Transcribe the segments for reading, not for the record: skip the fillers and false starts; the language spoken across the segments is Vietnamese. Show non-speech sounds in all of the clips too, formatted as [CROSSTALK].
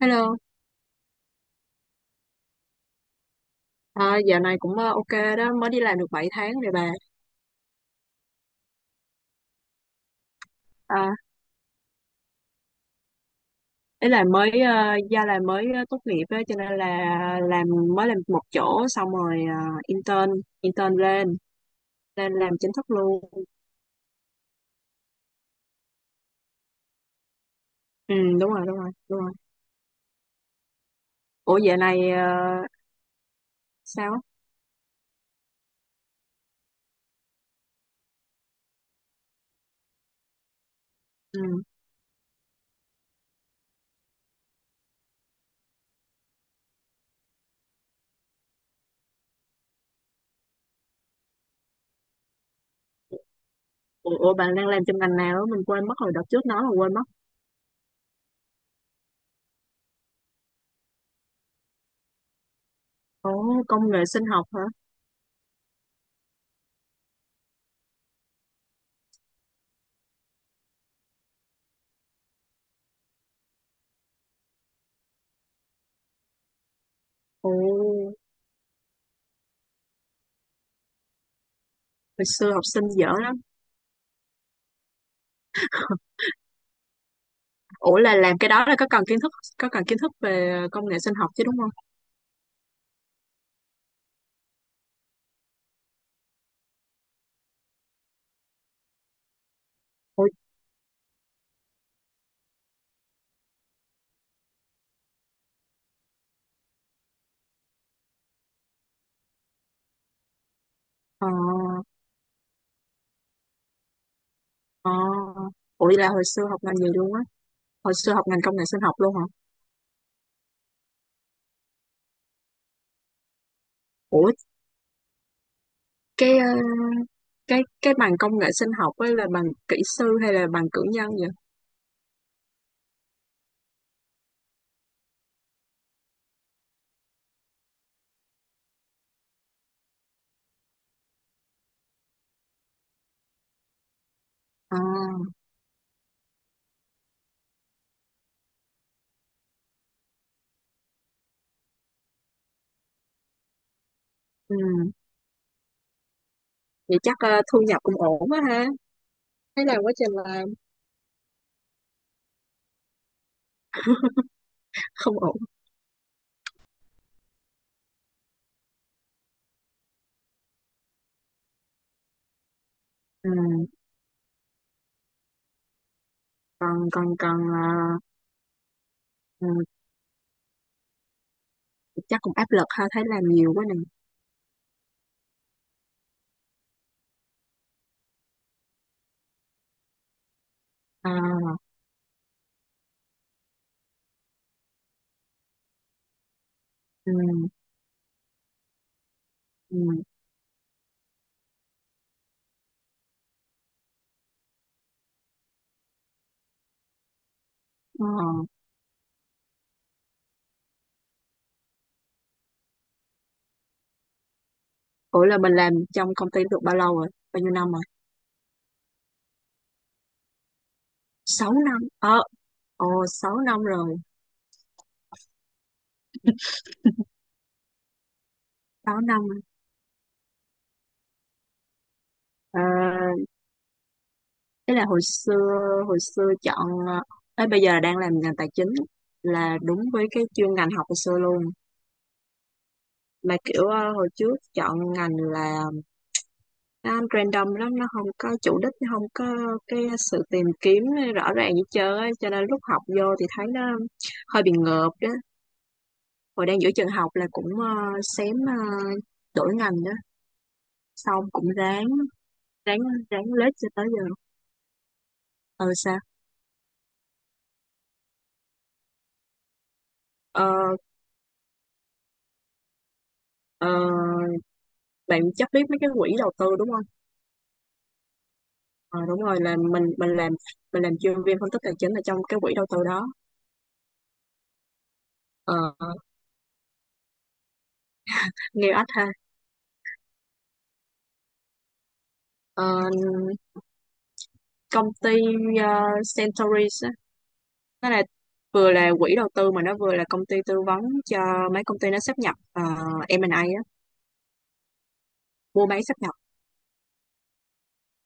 Hello, à, dạo này cũng ok đó, mới đi làm được 7 tháng rồi bà. À, ý là mới ờ, gia là mới ờ, tốt nghiệp đó, cho nên là làm mới làm một chỗ xong rồi intern intern lên lên làm chính thức luôn. Ừ, đúng rồi đúng rồi đúng rồi. Ủa dạo này sao? Á? Ừ. Ủa, bạn đang làm trong ngành nào? Á? Mình quên mất rồi đợt trước nói là quên mất. Ồ, công nghệ sinh học hả? Ồ, hồi xưa học sinh dở lắm. Ủa là làm cái đó là có cần kiến thức về công nghệ sinh học chứ đúng không? Ủa, ờ Ờ. Ủa vậy là hồi xưa học ngành gì luôn á? Hồi xưa học ngành công nghệ sinh học luôn hả? Ủa cái ờ, cái bằng công nghệ sinh học ấy là bằng kỹ sư hay là bằng cử nhân vậy? À, ừ. Vậy chắc thu nhập cũng ổn quá ha. Thấy làm quá trình làm không ổn. Ừ. Còn còn còn ờ, ừ, chắc cũng áp lực ha, thấy làm nhiều quá nè. À, ừ. Ừ. Ờ. Ủa là mình làm trong công ty được bao lâu rồi? Bao nhiêu năm rồi? 6 năm. Ờ, ồ 6 năm rồi. 6 năm. Ờ thế là hồi xưa chọn ờ, ấy bây giờ là đang làm ngành tài chính là đúng với cái chuyên ngành học hồi xưa luôn, mà kiểu hồi trước chọn ngành là nó random lắm, nó không có chủ đích, nó không có cái sự tìm kiếm rõ ràng gì chơi ấy. Cho nên lúc học vô thì thấy nó hơi bị ngợp đó, hồi đang giữa trường học là cũng xém đổi ngành đó, xong cũng ráng ráng ráng lết cho tới giờ. Ờ Sao? ờ, ờ, Bạn chắc biết mấy cái quỹ đầu tư đúng không? Ờ, đúng rồi, là mình làm chuyên viên phân tích tài chính ở trong cái quỹ đầu tư đó. Ờ, nghe ách ha. Ờ, công ty ờ, Centauris á, nó là vừa là quỹ đầu tư mà nó vừa là công ty tư vấn cho mấy công ty nó sáp nhập M&A á, mua bán sáp nhập,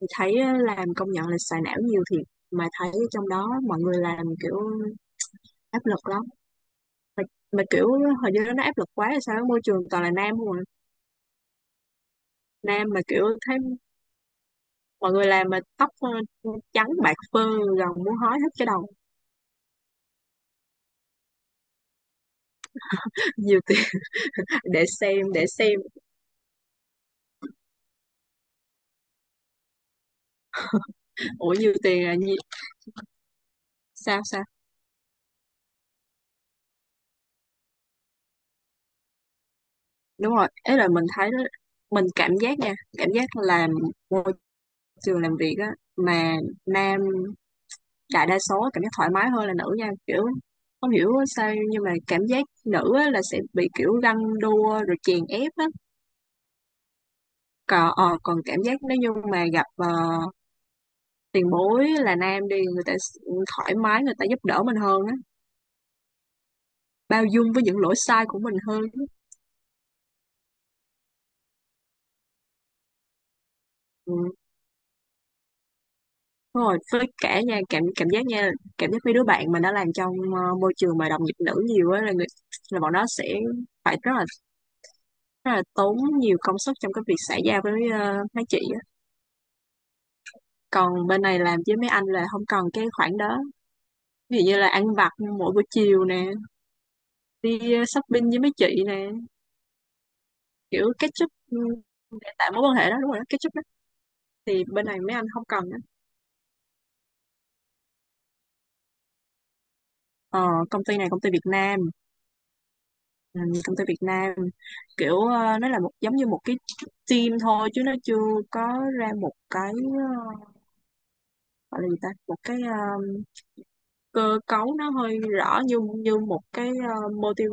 thì thấy á, làm công nhận là xài não nhiều thiệt, mà thấy trong đó mọi người làm kiểu áp lực lắm, mà, mà kiểu hình như nó áp lực quá hay sao á, môi trường toàn là nam không à. Nam mà kiểu thấy mọi người làm mà tóc trắng bạc phơ, gần muốn hói hết cái đầu. [LAUGHS] Nhiều tiền, để xem để xem, ủa nhiều tiền là gì, sao sao, đúng rồi ấy, là mình thấy đó, mình cảm giác nha, cảm giác làm môi trường làm việc á, mà nam đại đa số cảm giác thoải mái hơn là nữ nha, kiểu không hiểu sao nhưng mà cảm giác nữ á, là sẽ bị kiểu ganh đua rồi chèn ép á, còn cảm giác nếu như mà gặp tiền bối là nam đi, người ta thoải mái, người ta giúp đỡ mình hơn á, bao dung với những lỗi sai của mình hơn. Ừ. Đúng rồi, với cả nha cảm cảm giác nha, cảm giác mấy đứa bạn mình đã làm trong môi trường mà đồng nghiệp nữ nhiều á, là người, là bọn nó sẽ phải rất là tốn nhiều công sức trong cái việc xã giao với mấy chị á, còn bên này làm với mấy anh là không cần cái khoản đó. Ví dụ như là ăn vặt mỗi buổi chiều nè, đi shopping với mấy chị nè, kiểu catch up, ừ, để tạo mối quan hệ đó, đúng rồi đó, catch up đó, thì bên này mấy anh không cần đó. Ờ, công ty này công ty Việt Nam. Ừ, công ty Việt Nam, kiểu nó là một giống như một cái team thôi, chứ nó chưa có ra một cái ờ, gọi là gì ta, một cái cơ cấu nó hơi rõ như như một cái multi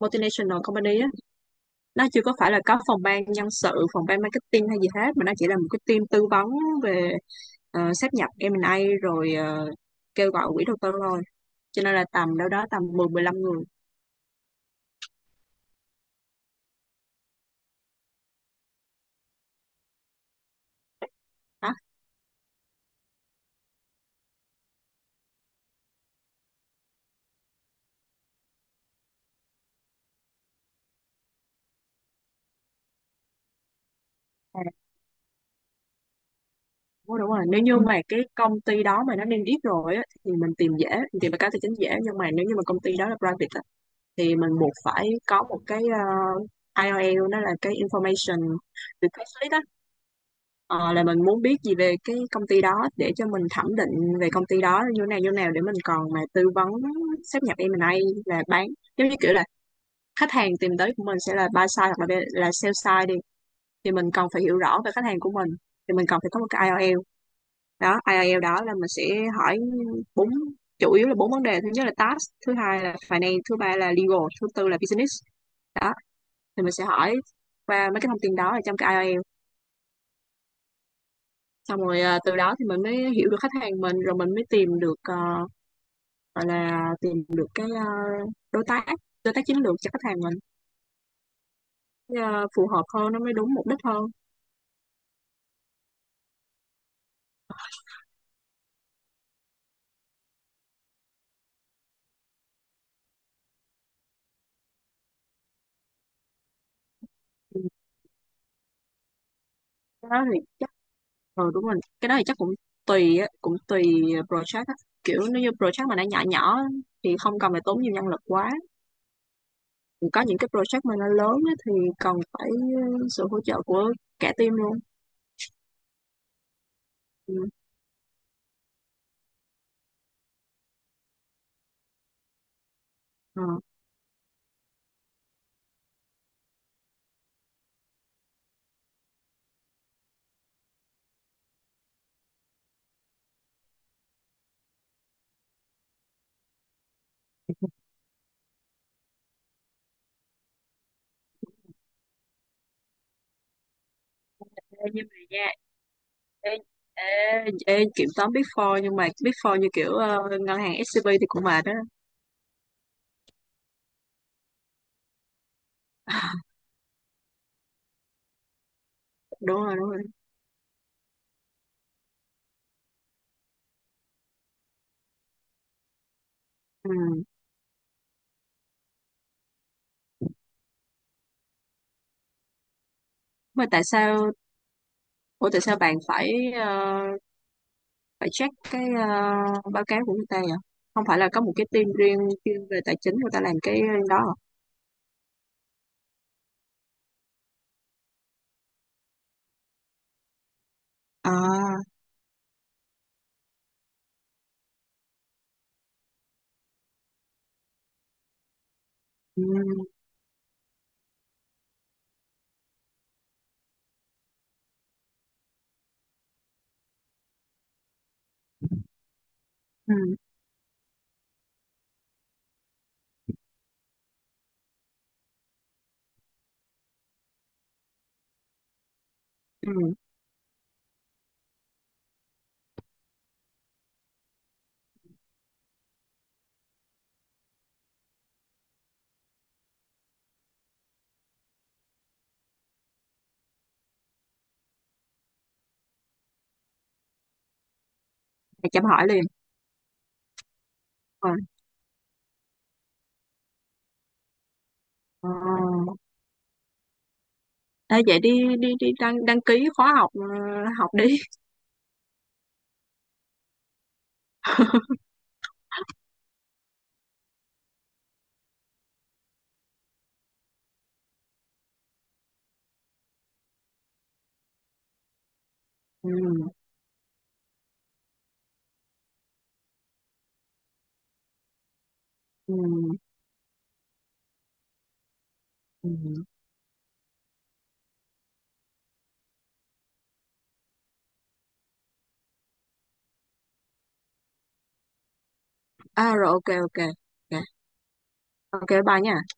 multinational company á. Nó chưa có phải là có phòng ban nhân sự, phòng ban marketing hay gì hết, mà nó chỉ là một cái team tư vấn về sáp nhập M&A rồi kêu gọi quỹ đầu tư thôi, cho nên là tầm đâu đó tầm 10-15 người đó. Ủa, đúng rồi, nếu như, ừ, mà cái công ty đó mà nó niêm yết rồi á, thì mình tìm dễ, mình tìm bài cá tài chính dễ, nhưng mà nếu như mà công ty đó là private á, thì mình buộc phải có một cái IOL, nó là cái information request list á. Ờ, là mình muốn biết gì về cái công ty đó để cho mình thẩm định về công ty đó như thế nào như thế nào, để mình còn mà tư vấn sáp nhập em M&A là bán, giống như kiểu là khách hàng tìm tới của mình sẽ là buy side hoặc là sell side đi, thì mình cần phải hiểu rõ về khách hàng của mình, thì mình cần phải có một cái IELTS, đó IELTS đó là mình sẽ hỏi bốn, chủ yếu là bốn vấn đề: thứ nhất là task, thứ hai là finance, thứ ba là legal, thứ tư là business, đó, thì mình sẽ hỏi qua mấy cái thông tin đó ở trong cái IELTS, xong rồi từ đó thì mình mới hiểu được khách hàng mình, rồi mình mới tìm được gọi là tìm được cái đối tác đối tác chiến lược cho khách hàng mình, ờ, phù hợp hơn, nó mới đúng mục đích hơn. Ừ, cái đó thì. Ờ đúng rồi, cái đó thì chắc cũng tùy á, cũng tùy project á. Kiểu nếu như project mà nó nhỏ nhỏ á, thì không cần phải tốn nhiều nhân lực quá. Còn có những cái project mà nó lớn á, thì cần phải sự hỗ trợ của cả team luôn. Ừ. Ờ. Ê, nhưng mà nha, ê, ê, ê, kiểm toán Big Four, nhưng mà Big Four như kiểu ngân hàng SCB thì cũng mệt đó. [LAUGHS] Đúng rồi, đúng rồi. Ừ. Mà tại sao, ủa tại sao bạn phải check cái báo cáo của người ta à? Không phải là có một cái team riêng chuyên về tài chính người ta làm cái đó à? À, ừ, ừ, ừ. Thầy chăm hỏi liền. Ờ, ờ. Ê, vậy đi đi đi đăng đăng ký khóa học học đi. [LAUGHS] Ừ, ừ, ừ. À rồi, ok ok. Ok, ok bye nha.